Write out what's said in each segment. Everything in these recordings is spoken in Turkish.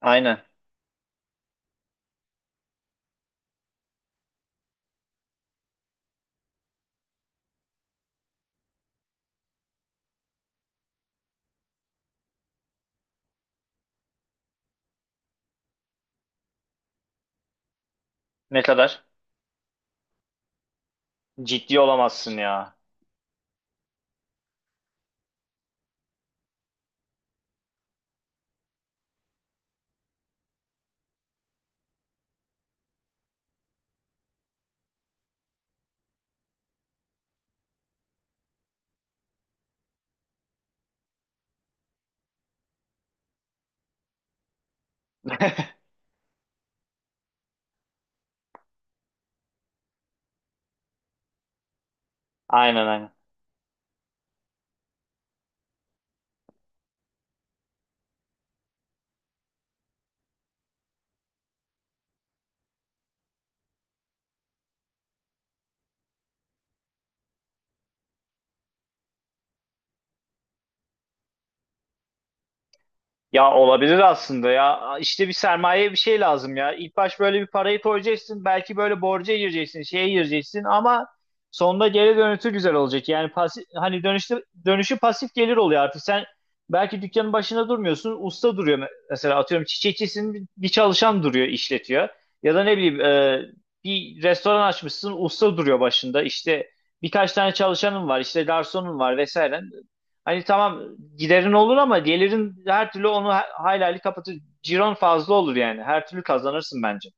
Aynen. Ne kadar? Ciddi olamazsın ya. Aynen, aynen. Ya olabilir aslında ya. İşte bir sermaye bir şey lazım ya. İlk baş böyle bir parayı koyacaksın. Belki böyle borca gireceksin, şeye gireceksin ama sonunda geri dönüşü güzel olacak. Yani pasif, hani dönüşü pasif gelir oluyor artık. Sen belki dükkanın başında durmuyorsun. Usta duruyor, mesela atıyorum çiçekçisinin bir çalışan duruyor, işletiyor. Ya da ne bileyim bir restoran açmışsın. Usta duruyor başında. İşte birkaç tane çalışanın var, işte garsonun var vesaire. Hani tamam giderin olur ama gelirin her türlü onu hayli hayli kapatır. Ciron fazla olur yani. Her türlü kazanırsın bence.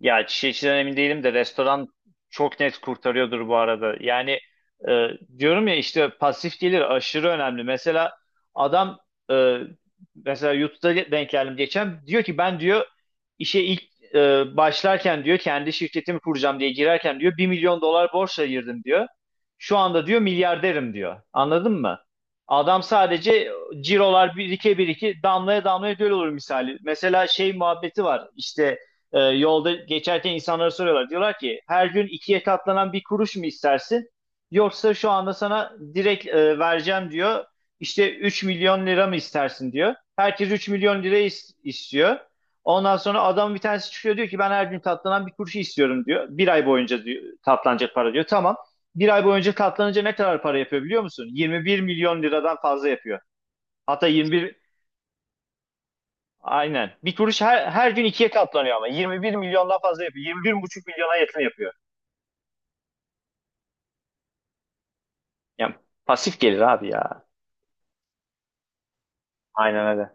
Ya çiçeği içinden emin değilim de restoran çok net kurtarıyordur bu arada. Yani e, diyorum ya işte pasif gelir aşırı önemli. Mesela adam, e, mesela YouTube'da denk geldim geçen, diyor ki ben diyor işe ilk başlarken diyor kendi şirketimi kuracağım diye girerken diyor 1 milyon dolar borçla girdim diyor. Şu anda diyor milyarderim diyor. Anladın mı? Adam sadece cirolar birike birike damlaya damlaya göl olur misali. Mesela şey muhabbeti var işte, yolda geçerken insanlara soruyorlar. Diyorlar ki her gün ikiye katlanan 1 kuruş mu istersin? Yoksa şu anda sana direkt vereceğim diyor. İşte 3 milyon lira mı istersin diyor. Herkes 3 milyon lira istiyor. Ondan sonra adam bir tanesi çıkıyor diyor ki ben her gün katlanan 1 kuruşu istiyorum diyor. Bir ay boyunca diyor, katlanacak para diyor. Tamam. Bir ay boyunca katlanınca ne kadar para yapıyor biliyor musun? 21 milyon liradan fazla yapıyor. Hatta 21. Aynen. Bir kuruş her gün ikiye katlanıyor ama. 21 milyondan fazla yapıyor. 21,5 milyona yakın yapıyor. Yani pasif gelir abi ya. Aynen öyle.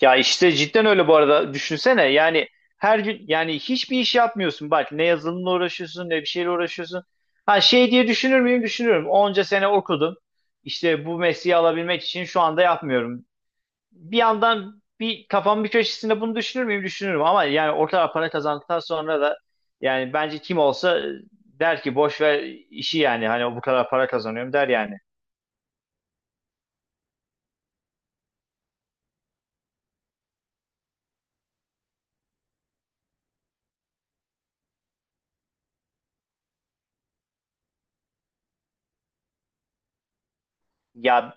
Ya işte cidden öyle bu arada. Düşünsene yani her gün yani hiçbir iş yapmıyorsun. Bak ne yazılımla uğraşıyorsun ne bir şeyle uğraşıyorsun. Ha şey diye düşünür müyüm? Düşünürüm. Onca sene okudum. İşte bu mesleği alabilmek için şu anda yapmıyorum. Bir yandan bir kafamın bir köşesinde bunu düşünür müyüm? Düşünürüm ama yani orta para kazandıktan sonra da yani bence kim olsa der ki boş ver işi yani, hani bu kadar para kazanıyorum der yani. Ya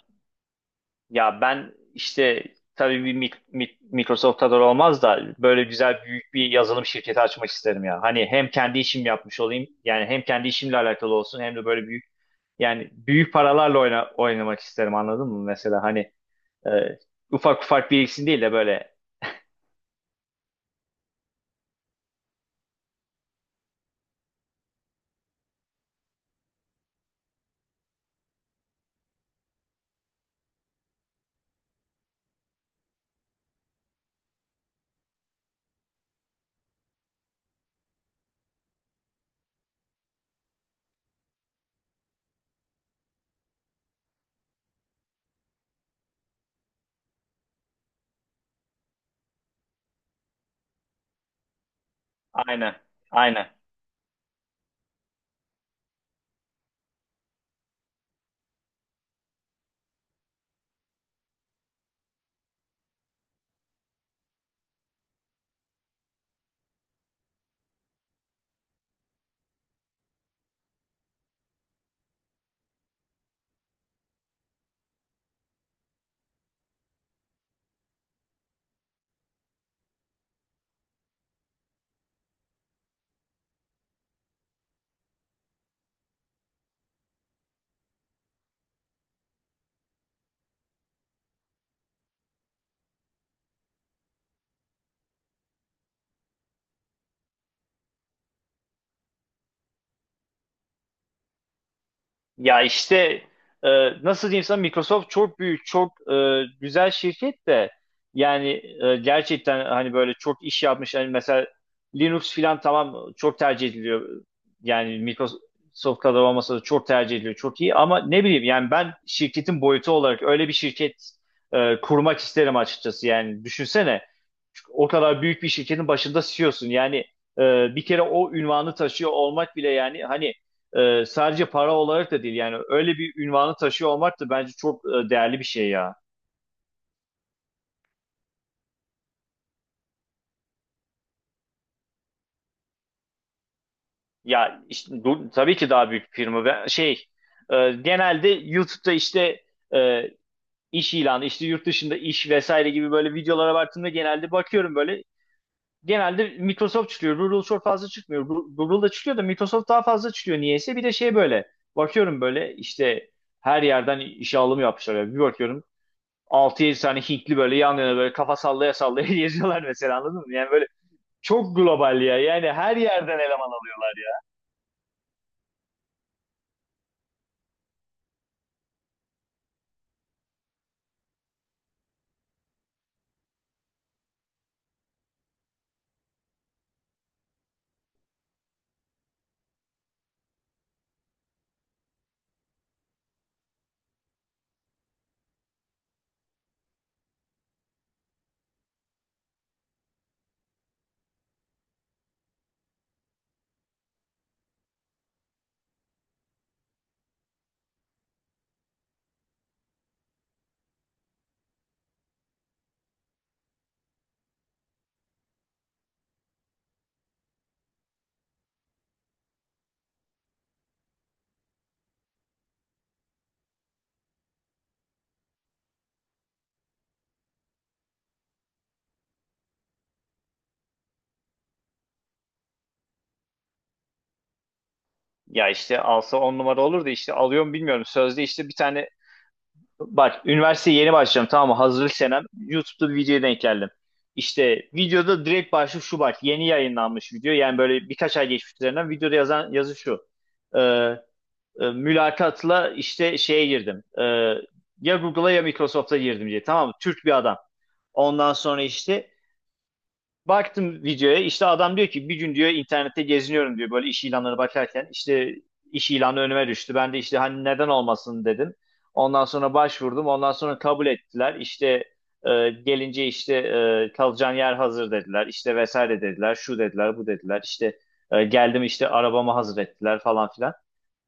ya ben işte tabii bir Microsoft kadar olmaz da böyle güzel büyük bir yazılım şirketi açmak isterim ya. Hani hem kendi işim yapmış olayım yani, hem kendi işimle alakalı olsun, hem de böyle büyük, yani büyük paralarla oynamak isterim, anladın mı mesela? Hani, e, ufak ufak biriksin değil de böyle. Aynen, aynen. Ya işte, e, nasıl diyeyim sana, Microsoft çok büyük, çok güzel şirket de, yani gerçekten hani böyle çok iş yapmış. Hani mesela Linux filan tamam çok tercih ediliyor. Yani Microsoft kadar olmasa da çok tercih ediliyor. Çok iyi ama ne bileyim yani, ben şirketin boyutu olarak öyle bir şirket kurmak isterim açıkçası. Yani düşünsene o kadar büyük bir şirketin başında CEO'sun. Yani e, bir kere o ünvanı taşıyor olmak bile, yani hani sadece para olarak da değil, yani öyle bir ünvanı taşıyor olmak da bence çok değerli bir şey ya. Ya işte, tabii ki daha büyük firma. Ben şey, genelde YouTube'da işte, e, iş ilanı işte, yurt dışında iş vesaire gibi böyle videolara baktığımda genelde bakıyorum, böyle genelde Microsoft çıkıyor. Google çok fazla çıkmıyor. Google da çıkıyor da Microsoft daha fazla çıkıyor niyeyse. Bir de şey, böyle bakıyorum böyle işte her yerden işe alım yapmışlar. Yani bir bakıyorum 6-7 tane Hintli böyle yan yana, böyle kafa sallaya sallaya geziyorlar mesela, anladın mı? Yani böyle çok global ya. Yani her yerden eleman alıyorlar ya. Ya işte alsa 10 numara olur da, işte alıyor mu bilmiyorum. Sözde işte bir tane, bak üniversiteye yeni başlayacağım tamam mı? Hazırlık senem. YouTube'da bir videoya denk geldim. İşte videoda direkt başlık şu bak. Yeni yayınlanmış video. Yani böyle birkaç ay geçmiş üzerinden, videoda yazan yazı şu. Ee, mülakatla işte şeye girdim. Ya Google'a ya Microsoft'a girdim diye. Tamam mı? Türk bir adam. Ondan sonra işte baktım videoya, işte adam diyor ki bir gün diyor internette geziniyorum diyor, böyle iş ilanları bakarken işte iş ilanı önüme düştü. Ben de işte hani neden olmasın dedim. Ondan sonra başvurdum. Ondan sonra kabul ettiler. İşte gelince işte kalacağın yer hazır dediler. İşte vesaire dediler. Şu dediler, bu dediler. İşte geldim, işte arabamı hazır ettiler falan filan.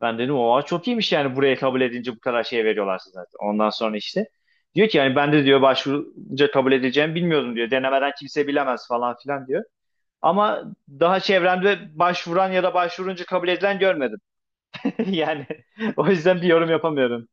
Ben dedim oha çok iyiymiş yani, buraya kabul edince bu kadar şey veriyorlar size zaten. Ondan sonra işte diyor ki yani, ben de diyor başvurunca kabul edeceğimi bilmiyordum diyor. Denemeden kimse bilemez falan filan diyor. Ama daha çevremde başvuran ya da başvurunca kabul edilen görmedim. Yani o yüzden bir yorum yapamıyorum.